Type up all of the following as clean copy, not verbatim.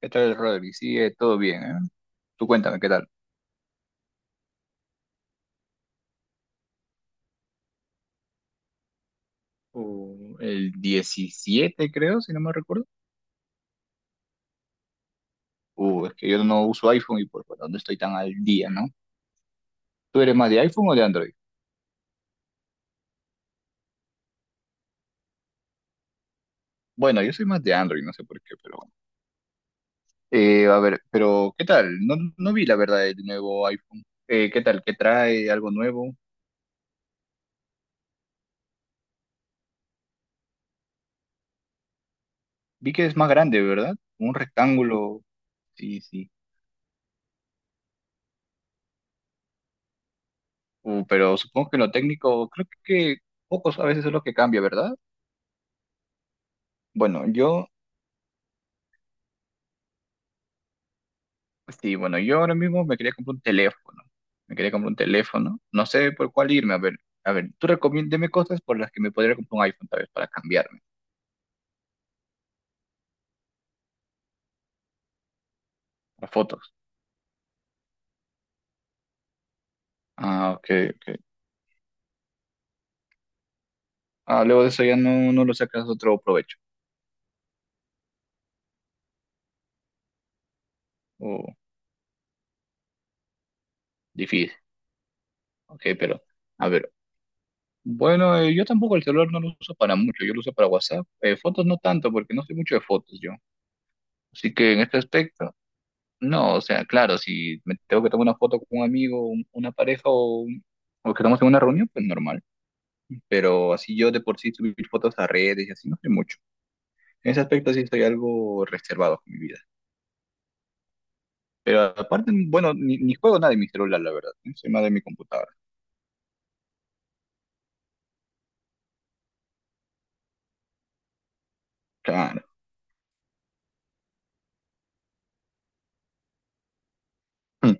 ¿Qué tal, Rodri? Sigue todo bien, ¿eh? Tú cuéntame, ¿qué tal? El 17, creo, si no me recuerdo. Es que yo no uso iPhone y por lo no estoy tan al día, ¿no? ¿Tú eres más de iPhone o de Android? Bueno, yo soy más de Android, no sé por qué, pero bueno. A ver, pero ¿qué tal? No, no vi la verdad el nuevo iPhone. ¿Qué tal? ¿Qué trae? ¿Algo nuevo? Vi que es más grande, ¿verdad? Un rectángulo, sí, sí. Pero supongo que en lo técnico, creo que pocos a veces es lo que cambia, ¿verdad? Bueno, yo Sí, bueno, yo ahora mismo me quería comprar un teléfono. Me quería comprar un teléfono. No sé por cuál irme. A ver, tú recomiéndeme cosas por las que me podría comprar un iPhone, tal vez, para cambiarme, para fotos. Ah, ok, ok. Ah, luego de eso ya no, no lo sacas otro provecho. Oh, difícil. Ok, pero, a ver. Bueno, yo tampoco el celular no lo uso para mucho. Yo lo uso para WhatsApp. Fotos no tanto, porque no soy mucho de fotos yo. Así que en este aspecto, no. O sea, claro, si me tengo que tomar una foto con un amigo, una pareja o, o que estamos en una reunión, pues normal. Pero así yo de por sí subir fotos a redes y así no sé mucho. En ese aspecto sí estoy algo reservado con mi vida. Pero aparte, bueno, ni juego nada de mi celular, la verdad. ¿Eh? Soy más de mi computadora. Claro. Mm,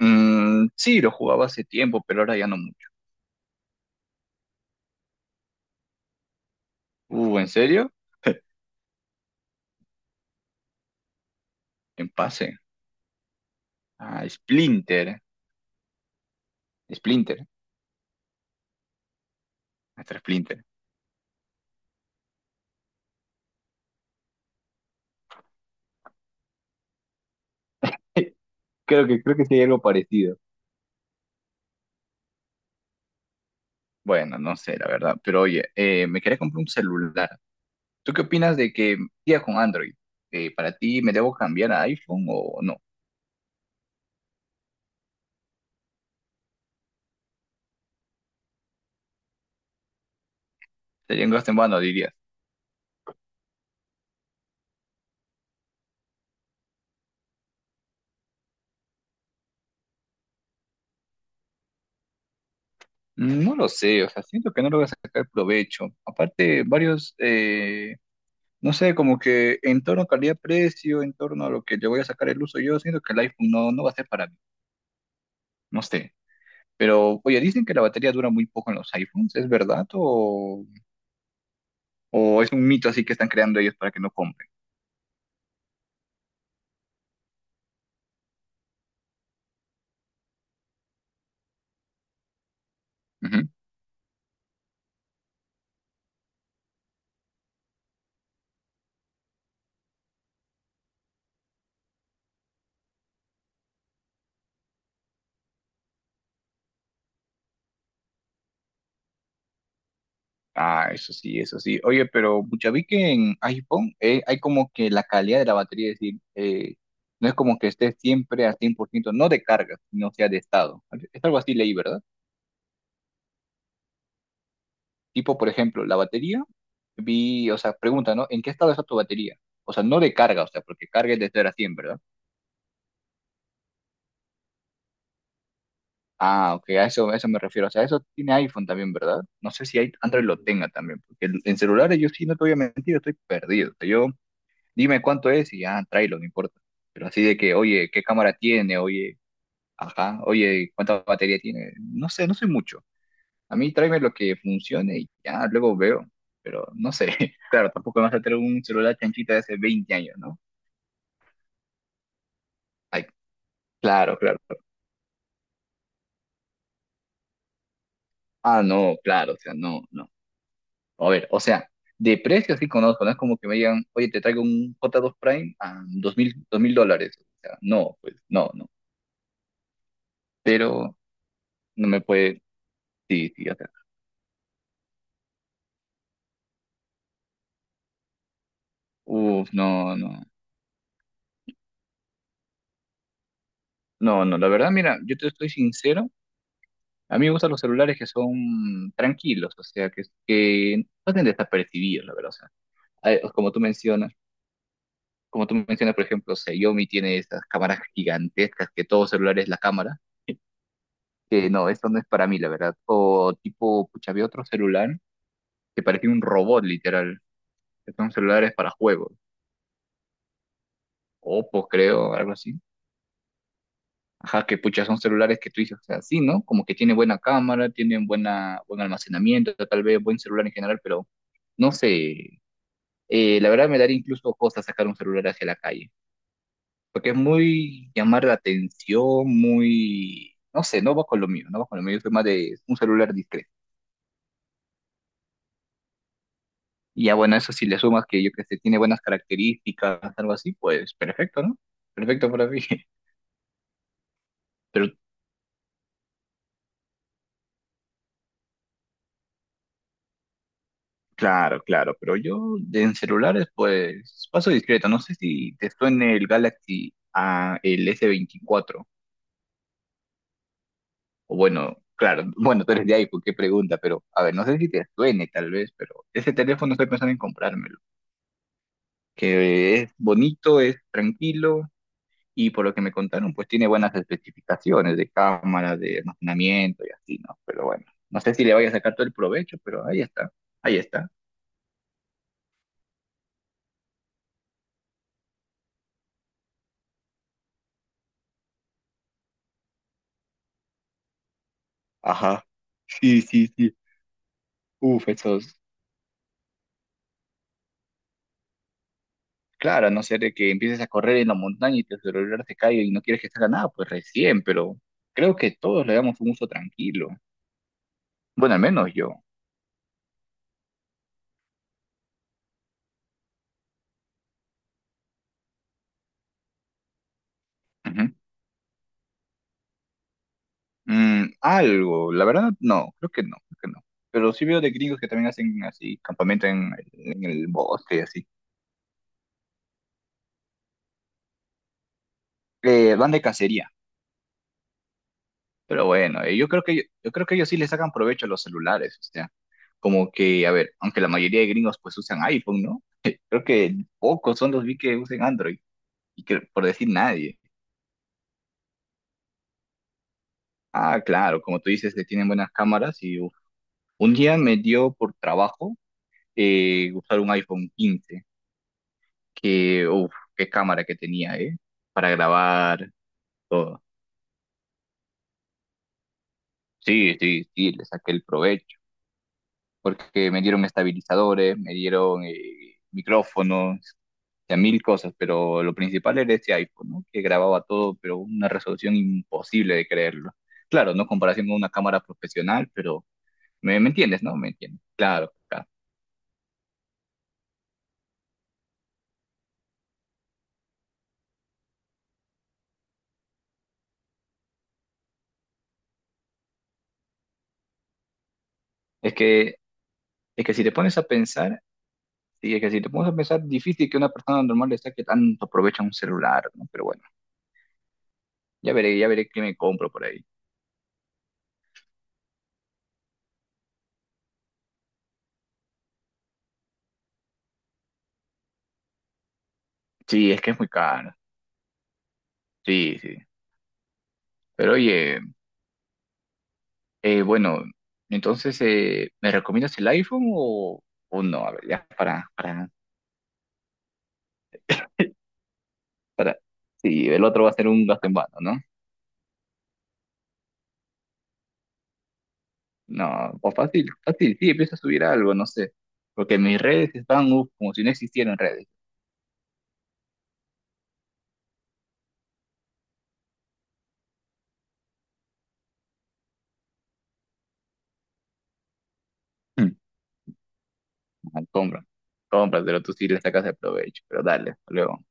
mm, sí, lo jugaba hace tiempo, pero ahora ya no mucho. ¿En serio? En pase. Ah, Splinter. ¿Eh? Splinter. Hasta Splinter. Creo que sí hay algo parecido. Bueno, no sé, la verdad. Pero oye, me quería comprar un celular. ¿Tú qué opinas de que sigas con Android? ¿Para ti me debo cambiar a iPhone o no? Sería un gasto en vano, dirías. No lo sé, o sea, siento que no lo voy a sacar provecho. Aparte, varios, no sé, como que en torno a calidad-precio, en torno a lo que le voy a sacar el uso, yo siento que el iPhone no, no va a ser para mí, no sé. Pero, oye, dicen que la batería dura muy poco en los iPhones, ¿es verdad? ¿O es un mito así que están creando ellos para que no compren? Ujú. Ah, eso sí, eso sí. Oye, pero pucha, vi que en iPhone hay como que la calidad de la batería, es decir, no es como que esté siempre a 100%, no de carga, sino sea de estado. Es algo así leí, ¿verdad? Tipo, por ejemplo, la batería, vi, o sea, pregunta, ¿no? ¿En qué estado está tu batería? O sea, no de carga, o sea, porque carga es de 0 a 100, ¿verdad? Ah, ok, a eso me refiero. O sea, eso tiene iPhone también, ¿verdad? No sé si Android lo tenga también, porque en celulares yo sí, no te voy a mentir, estoy perdido. O sea, yo dime cuánto es y ya, tráelo, no importa. Pero así de que, oye, ¿qué cámara tiene? Oye, ajá, oye, ¿cuánta batería tiene? No sé mucho. A mí tráeme lo que funcione y ya, luego veo. Pero no sé, claro, tampoco me vas a traer un celular chanchita de hace 20 años, ¿no? Ay, claro, claro. Ah, no, claro, o sea, no, no. A ver, o sea, de precio sí conozco, no es como que me digan, oye, te traigo un J2 Prime a 2.000, $2.000. O sea, no, pues, no, no. Pero no me puede, sí, sí, uf, no, no, no, no, la verdad, mira, yo te estoy sincero, a mí me gustan los celulares que son tranquilos, o sea, que pasen desapercibidos, la verdad, o sea, hay- como tú mencionas, como tú mencionas, por ejemplo, Xiaomi tiene estas cámaras gigantescas que todo celular es la cámara, que no, esto no es para mí, la verdad, o tipo, pucha, había otro celular que parecía un robot, literal, que son celulares para juegos, Oppo, creo, algo así. Ajá, que pucha, son celulares que tú dices, o sea, sí, ¿no? Como que tiene buena cámara, tienen buena, buen almacenamiento, tal vez buen celular en general, pero no sé, la verdad me daría incluso cosa sacar un celular hacia la calle, porque es muy llamar la atención, muy, no sé, no va con lo mío, no va con lo mío, yo soy más de un celular discreto. Y ya bueno, eso si le sumas que yo que sé, tiene buenas características, algo así, pues perfecto, ¿no? Perfecto para mí. Pero claro, claro, pero yo en celulares pues paso discreto, no sé si te suene el Galaxy A, el S24. O bueno, claro, bueno, tú eres de iPhone, qué pregunta, pero a ver, no sé si te suene tal vez, pero ese teléfono estoy pensando en comprármelo, que es bonito, es tranquilo, y por lo que me contaron pues tiene buenas especificaciones de cámara, de almacenamiento y así, ¿no? Pero bueno, no sé si le vaya a sacar todo el provecho, pero ahí está, ahí está. Ajá, sí, sí, sí. Uf, esos. Claro, a no ser de que empieces a correr en la montaña y tu celular se caiga y no quieres que salga nada, pues recién, pero creo que todos le damos un uso tranquilo. Bueno, al menos yo. Ujú. Algo, la verdad no, creo que no, creo que no. Pero sí veo de gringos que también hacen así, campamento en el bosque y así. Van de cacería, pero bueno, yo creo que ellos sí le sacan provecho a los celulares, o sea, como que, a ver, aunque la mayoría de gringos pues usan iPhone, ¿no? Creo que pocos son los vi que usen Android, y que por decir nadie. Ah, claro, como tú dices, que tienen buenas cámaras y uf, un día me dio por trabajo usar un iPhone 15, que, uff, qué cámara que tenía, ¿eh? Para grabar todo. Sí, sí, sí, le saqué el provecho, porque me dieron estabilizadores, me dieron micrófonos, o sea, mil cosas, pero lo principal era ese iPhone, ¿no? Que grababa todo, pero una resolución imposible de creerlo. Claro, no comparación con una cámara profesional, pero me entiendes, ¿no? Me entiendes. Claro, claro. Es que Es que si te pones a pensar, sí, es que si te pones a pensar, difícil que una persona normal le saque tanto provecho a un celular, ¿no? Pero bueno, ya veré qué me compro por ahí. Sí, es que es muy caro. Sí, sí. Pero oye, bueno, entonces, ¿me recomiendas el iPhone o no? A ver, ya, para, para. Sí, el otro va a ser un gasto en vano, ¿no? No, o fácil, fácil, sí, empieza a subir algo, no sé. Porque mis redes están, uf, como si no existieran redes. Ah, compra, cómpraselo, tú sí le sacas el provecho, pero dale, hasta luego.